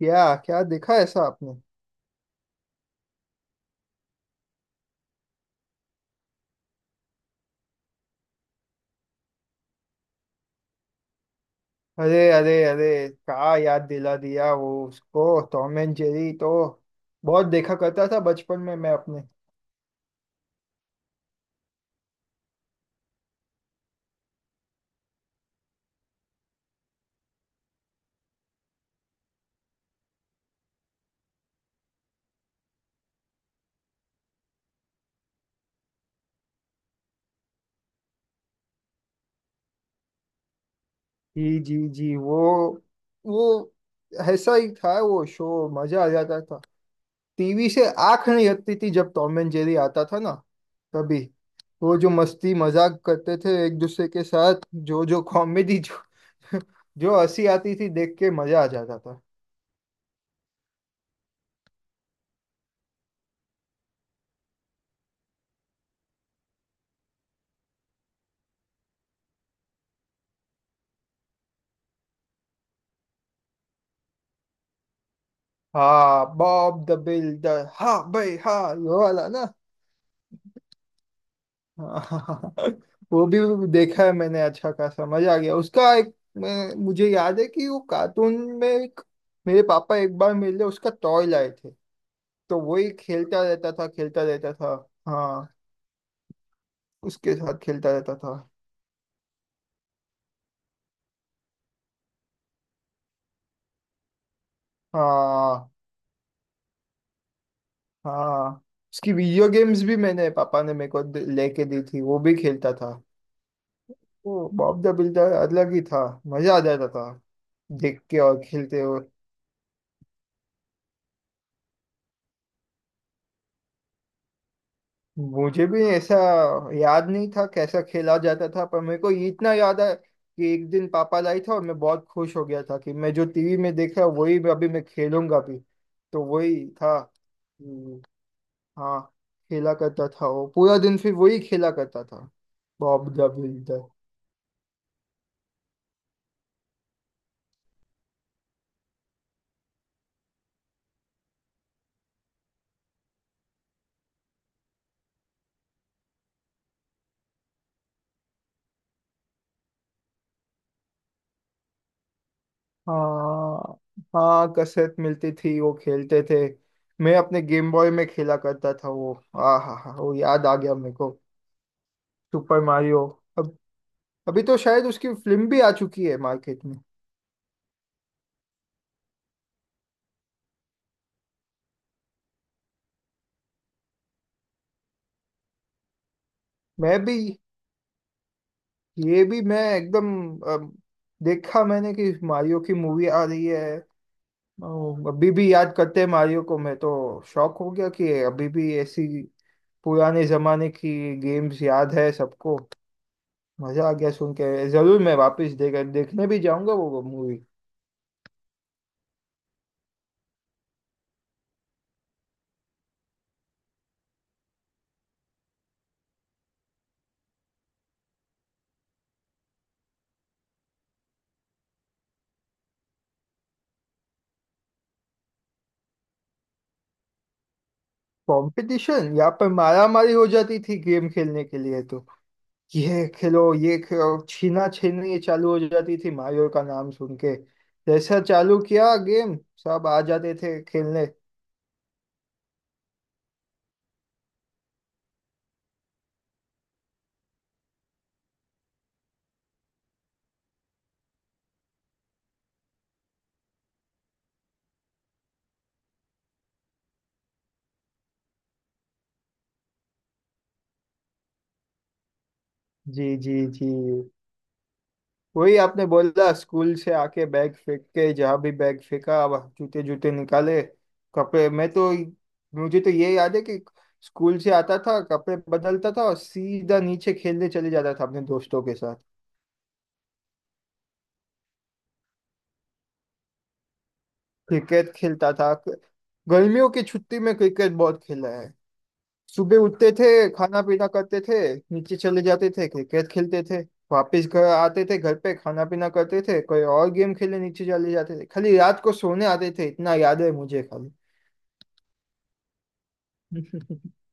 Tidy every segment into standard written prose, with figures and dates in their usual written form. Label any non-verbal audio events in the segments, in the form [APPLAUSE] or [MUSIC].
क्या क्या देखा ऐसा आपने। अरे अरे अरे, क्या याद दिला दिया वो उसको। टॉम एंड जेरी तो बहुत देखा करता था बचपन में मैं अपने। जी जी जी, वो ऐसा ही था वो शो, मजा आ जाता था। टीवी से आंख नहीं हटती थी जब टॉम एंड जेरी आता था ना। तभी वो जो मस्ती मजाक करते थे एक दूसरे के साथ, जो जो कॉमेडी, जो जो हंसी आती थी देख के, मजा आ जाता था। हाँ, बॉब द बिल्डर, हाँ भाई, हाँ ये वाला ना। [LAUGHS] हाँ, वो भी देखा है मैंने, अच्छा खासा मजा आ गया उसका। मुझे याद है कि वो कार्टून में एक मेरे पापा एक बार मेरे लिए उसका टॉय लाए थे। तो वही खेलता रहता था खेलता रहता था। हाँ, उसके साथ खेलता रहता था। हाँ हाँ, उसकी वीडियो गेम्स भी मैंने पापा ने मेरे को लेके दी थी, वो भी खेलता था। वो बॉब द बिल्डर अलग ही था, मजा आ जाता था देख के और खेलते हो। मुझे भी ऐसा याद नहीं था कैसा खेला जाता था, पर मेरे को ये इतना याद है कि एक दिन पापा लाई था और मैं बहुत खुश हो गया था कि मैं जो टीवी में देख रहा हूँ वही अभी मैं खेलूंगा भी। तो वही था। हम्म, हाँ, खेला करता था वो पूरा दिन, फिर वही खेला करता था बॉब द बिल्डर। हाँ हाँ, कसरत मिलती थी, वो खेलते थे। मैं अपने गेम बॉय में खेला करता था वो, आ हा हा, वो याद आ गया मेरे को, सुपर मारियो। अभी तो शायद उसकी फिल्म भी आ चुकी है मार्केट में। मैं भी ये भी मैं एकदम अम, देखा मैंने कि मारियो की मूवी आ रही है। अभी भी याद करते हैं मारियो को, मैं तो शॉक हो गया कि अभी भी ऐसी पुराने जमाने की गेम्स याद है सबको। मजा आ गया सुन के, जरूर मैं वापस देखने भी जाऊंगा वो मूवी। कंपटीशन, यहाँ पर मारा मारी हो जाती थी गेम खेलने के लिए। तो ये खेलो छीना छीनी चालू हो जाती थी मायूर का नाम सुन के। जैसा चालू किया गेम, सब आ जाते थे खेलने। जी जी जी, वही आपने बोला, स्कूल से आके बैग फेंक के जहाँ भी बैग फेंका, अब जूते जूते निकाले कपड़े। मैं तो मुझे तो ये याद है कि स्कूल से आता था कपड़े बदलता था और सीधा नीचे खेलने चले जाता था अपने दोस्तों के साथ। क्रिकेट खेलता था, गर्मियों की छुट्टी में क्रिकेट बहुत खेला है। सुबह उठते थे, खाना पीना करते थे, नीचे चले जाते थे, क्रिकेट खेलते थे, वापस घर आते थे, घर पे खाना पीना करते थे, कोई और गेम खेलने नीचे चले जाते थे, खाली रात को सोने आते थे, इतना याद है मुझे खाली। [LAUGHS]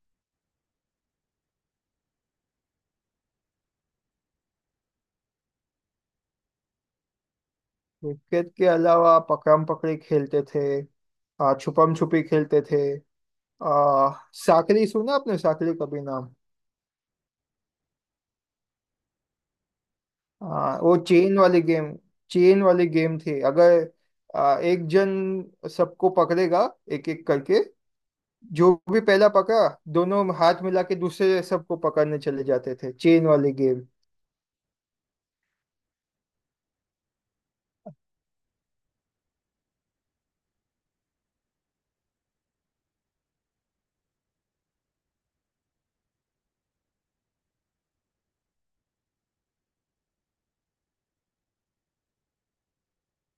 क्रिकेट के अलावा पकड़म पकड़ी खेलते थे, छुपम छुपी खेलते थे। आ, साकरी, सुना आपने साकरी कभी नाम? वो चेन वाली गेम, चेन वाली गेम थी। अगर एक जन सबको पकड़ेगा एक एक करके, जो भी पहला पकड़ा दोनों हाथ मिला के दूसरे सबको पकड़ने चले जाते थे, चेन वाली गेम।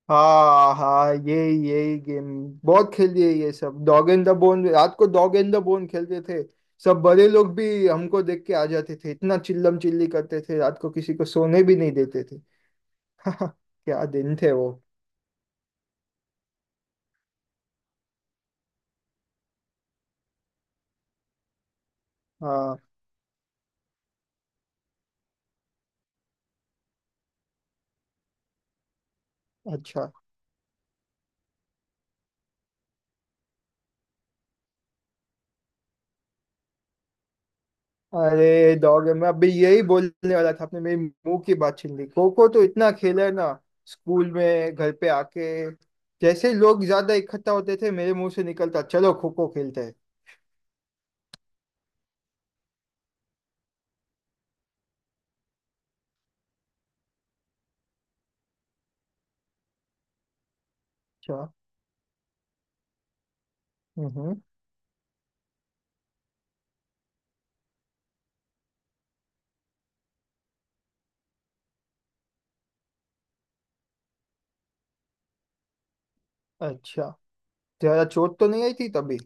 हाँ हाँ, यही यही गेम बहुत खेलिए ये सब। डॉग एंड द बोन, रात को डॉग एंड द बोन खेलते थे। सब बड़े लोग भी हमको देख के आ जाते थे, इतना चिल्लम चिल्ली करते थे रात को, किसी को सोने भी नहीं देते थे। [LAUGHS] क्या दिन थे वो। हाँ। अच्छा। अरे डॉग, मैं अभी यही बोलने वाला था, आपने मेरी मुंह की बात छीन ली। खो खो तो इतना खेला है ना, स्कूल में, घर पे आके जैसे ही लोग ज्यादा इकट्ठा होते थे मेरे मुंह से निकलता चलो खो खो खेलते हैं। अच्छा। हम्म। अच्छा, जरा चोट तो नहीं आई थी तभी?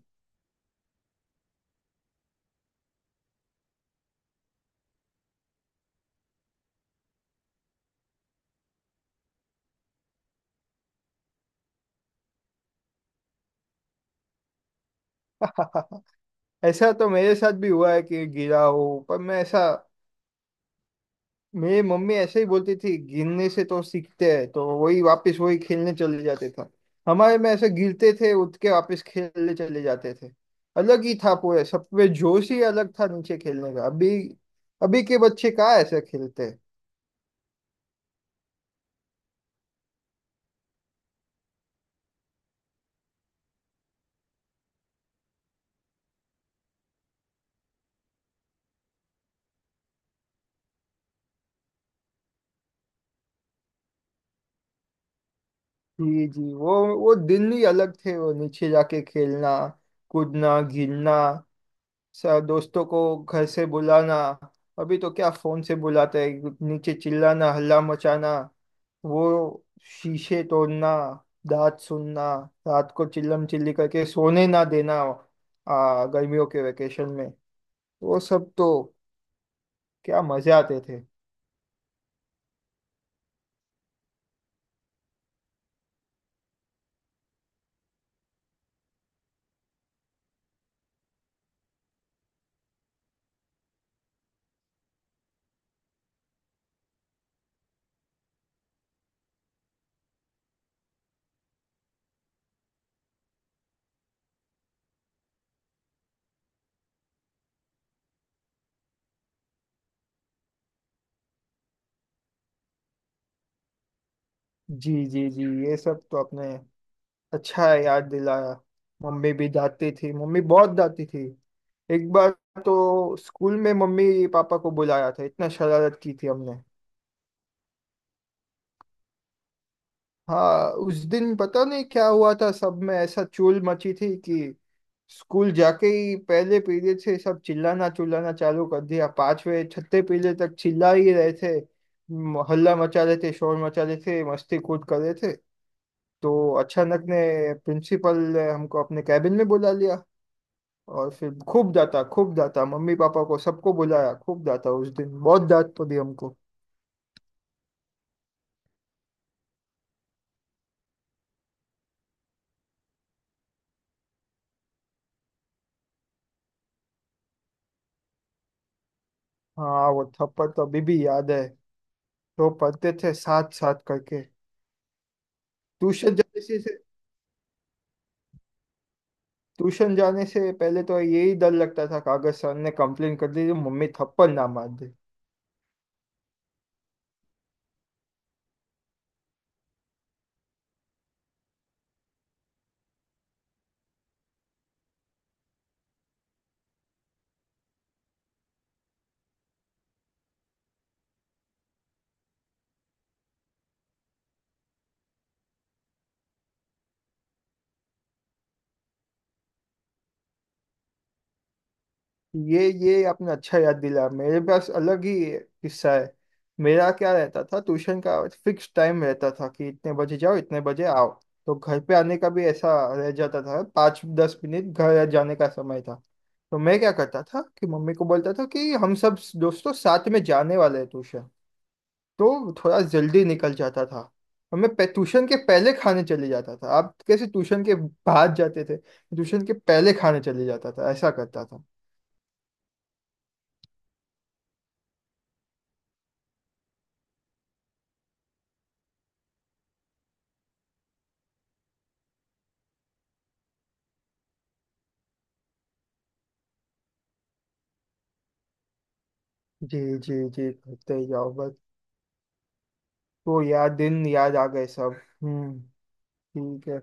[LAUGHS] ऐसा तो मेरे साथ भी हुआ है कि गिरा हो, पर मैं ऐसा, मेरी मम्मी ऐसे ही बोलती थी गिरने से तो सीखते हैं, तो वही वापस वही खेलने चले जाते था। हमारे में ऐसे गिरते थे उठ के वापस खेलने चले जाते थे, अलग ही था पूरे, सब पे जोश ही अलग था नीचे खेलने का। अभी, अभी के बच्चे कहाँ ऐसे खेलते हैं। जी जी, वो दिन ही अलग थे, वो नीचे जाके खेलना कूदना गिरना, सर दोस्तों को घर से बुलाना, अभी तो क्या फोन से बुलाते हैं, नीचे चिल्लाना हल्ला मचाना, वो शीशे तोड़ना, दांत सुनना, रात को चिल्लम चिल्ली करके सोने ना देना, गर्मियों के वेकेशन में वो सब तो, क्या मजे आते थे। जी जी जी, ये सब तो आपने अच्छा है याद दिलाया। मम्मी भी डांटती थी, मम्मी बहुत डांटती थी। एक बार तो स्कूल में मम्मी पापा को बुलाया था, इतना शरारत की थी हमने। हाँ, उस दिन पता नहीं क्या हुआ था, सब में ऐसा चूल मची थी कि स्कूल जाके ही पहले पीरियड से सब चिल्लाना चिल्लाना चालू कर दिया, पांचवे छठे पीरियड तक चिल्ला ही रहे थे, हल्ला मचा रहे थे, शोर मचा रहे थे, मस्ती कूद कर रहे थे। तो अचानक ने प्रिंसिपल ने हमको अपने कैबिन में बुला लिया और फिर खूब डांटा खूब डांटा, मम्मी पापा को सबको बुलाया, खूब डांटा, उस दिन बहुत डांट पड़ी हमको। हाँ वो थप्पड़ तो अभी भी याद है, तो पढ़ते थे साथ साथ करके। ट्यूशन जाने से से- ट्यूशन जाने से पहले तो यही डर लगता था कागज सर ने कंप्लेन कर दी तो मम्मी थप्पड़ ना मार दे। ये आपने अच्छा याद दिला, मेरे पास अलग ही किस्सा है। मेरा क्या रहता था, ट्यूशन का फिक्स टाइम रहता था कि इतने बजे जाओ इतने बजे आओ, तो घर पे आने का भी ऐसा रह जाता था 5-10 मिनट घर जाने का समय था। तो मैं क्या करता था कि मम्मी को बोलता था कि हम सब दोस्तों साथ में जाने वाले हैं ट्यूशन, तो थोड़ा जल्दी निकल जाता था। और ट्यूशन के पहले खाने चले जाता था। आप कैसे ट्यूशन के बाद जाते थे, ट्यूशन के पहले खाने चले जाता था, ऐसा करता था। जी जी जी, करते ही जाओ बस। तो यार दिन याद आ गए सब। हम्म। ठीक है।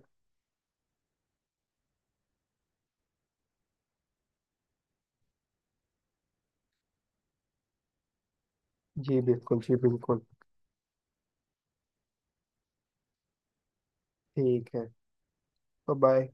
जी बिल्कुल जी बिल्कुल। ठीक है। बाय।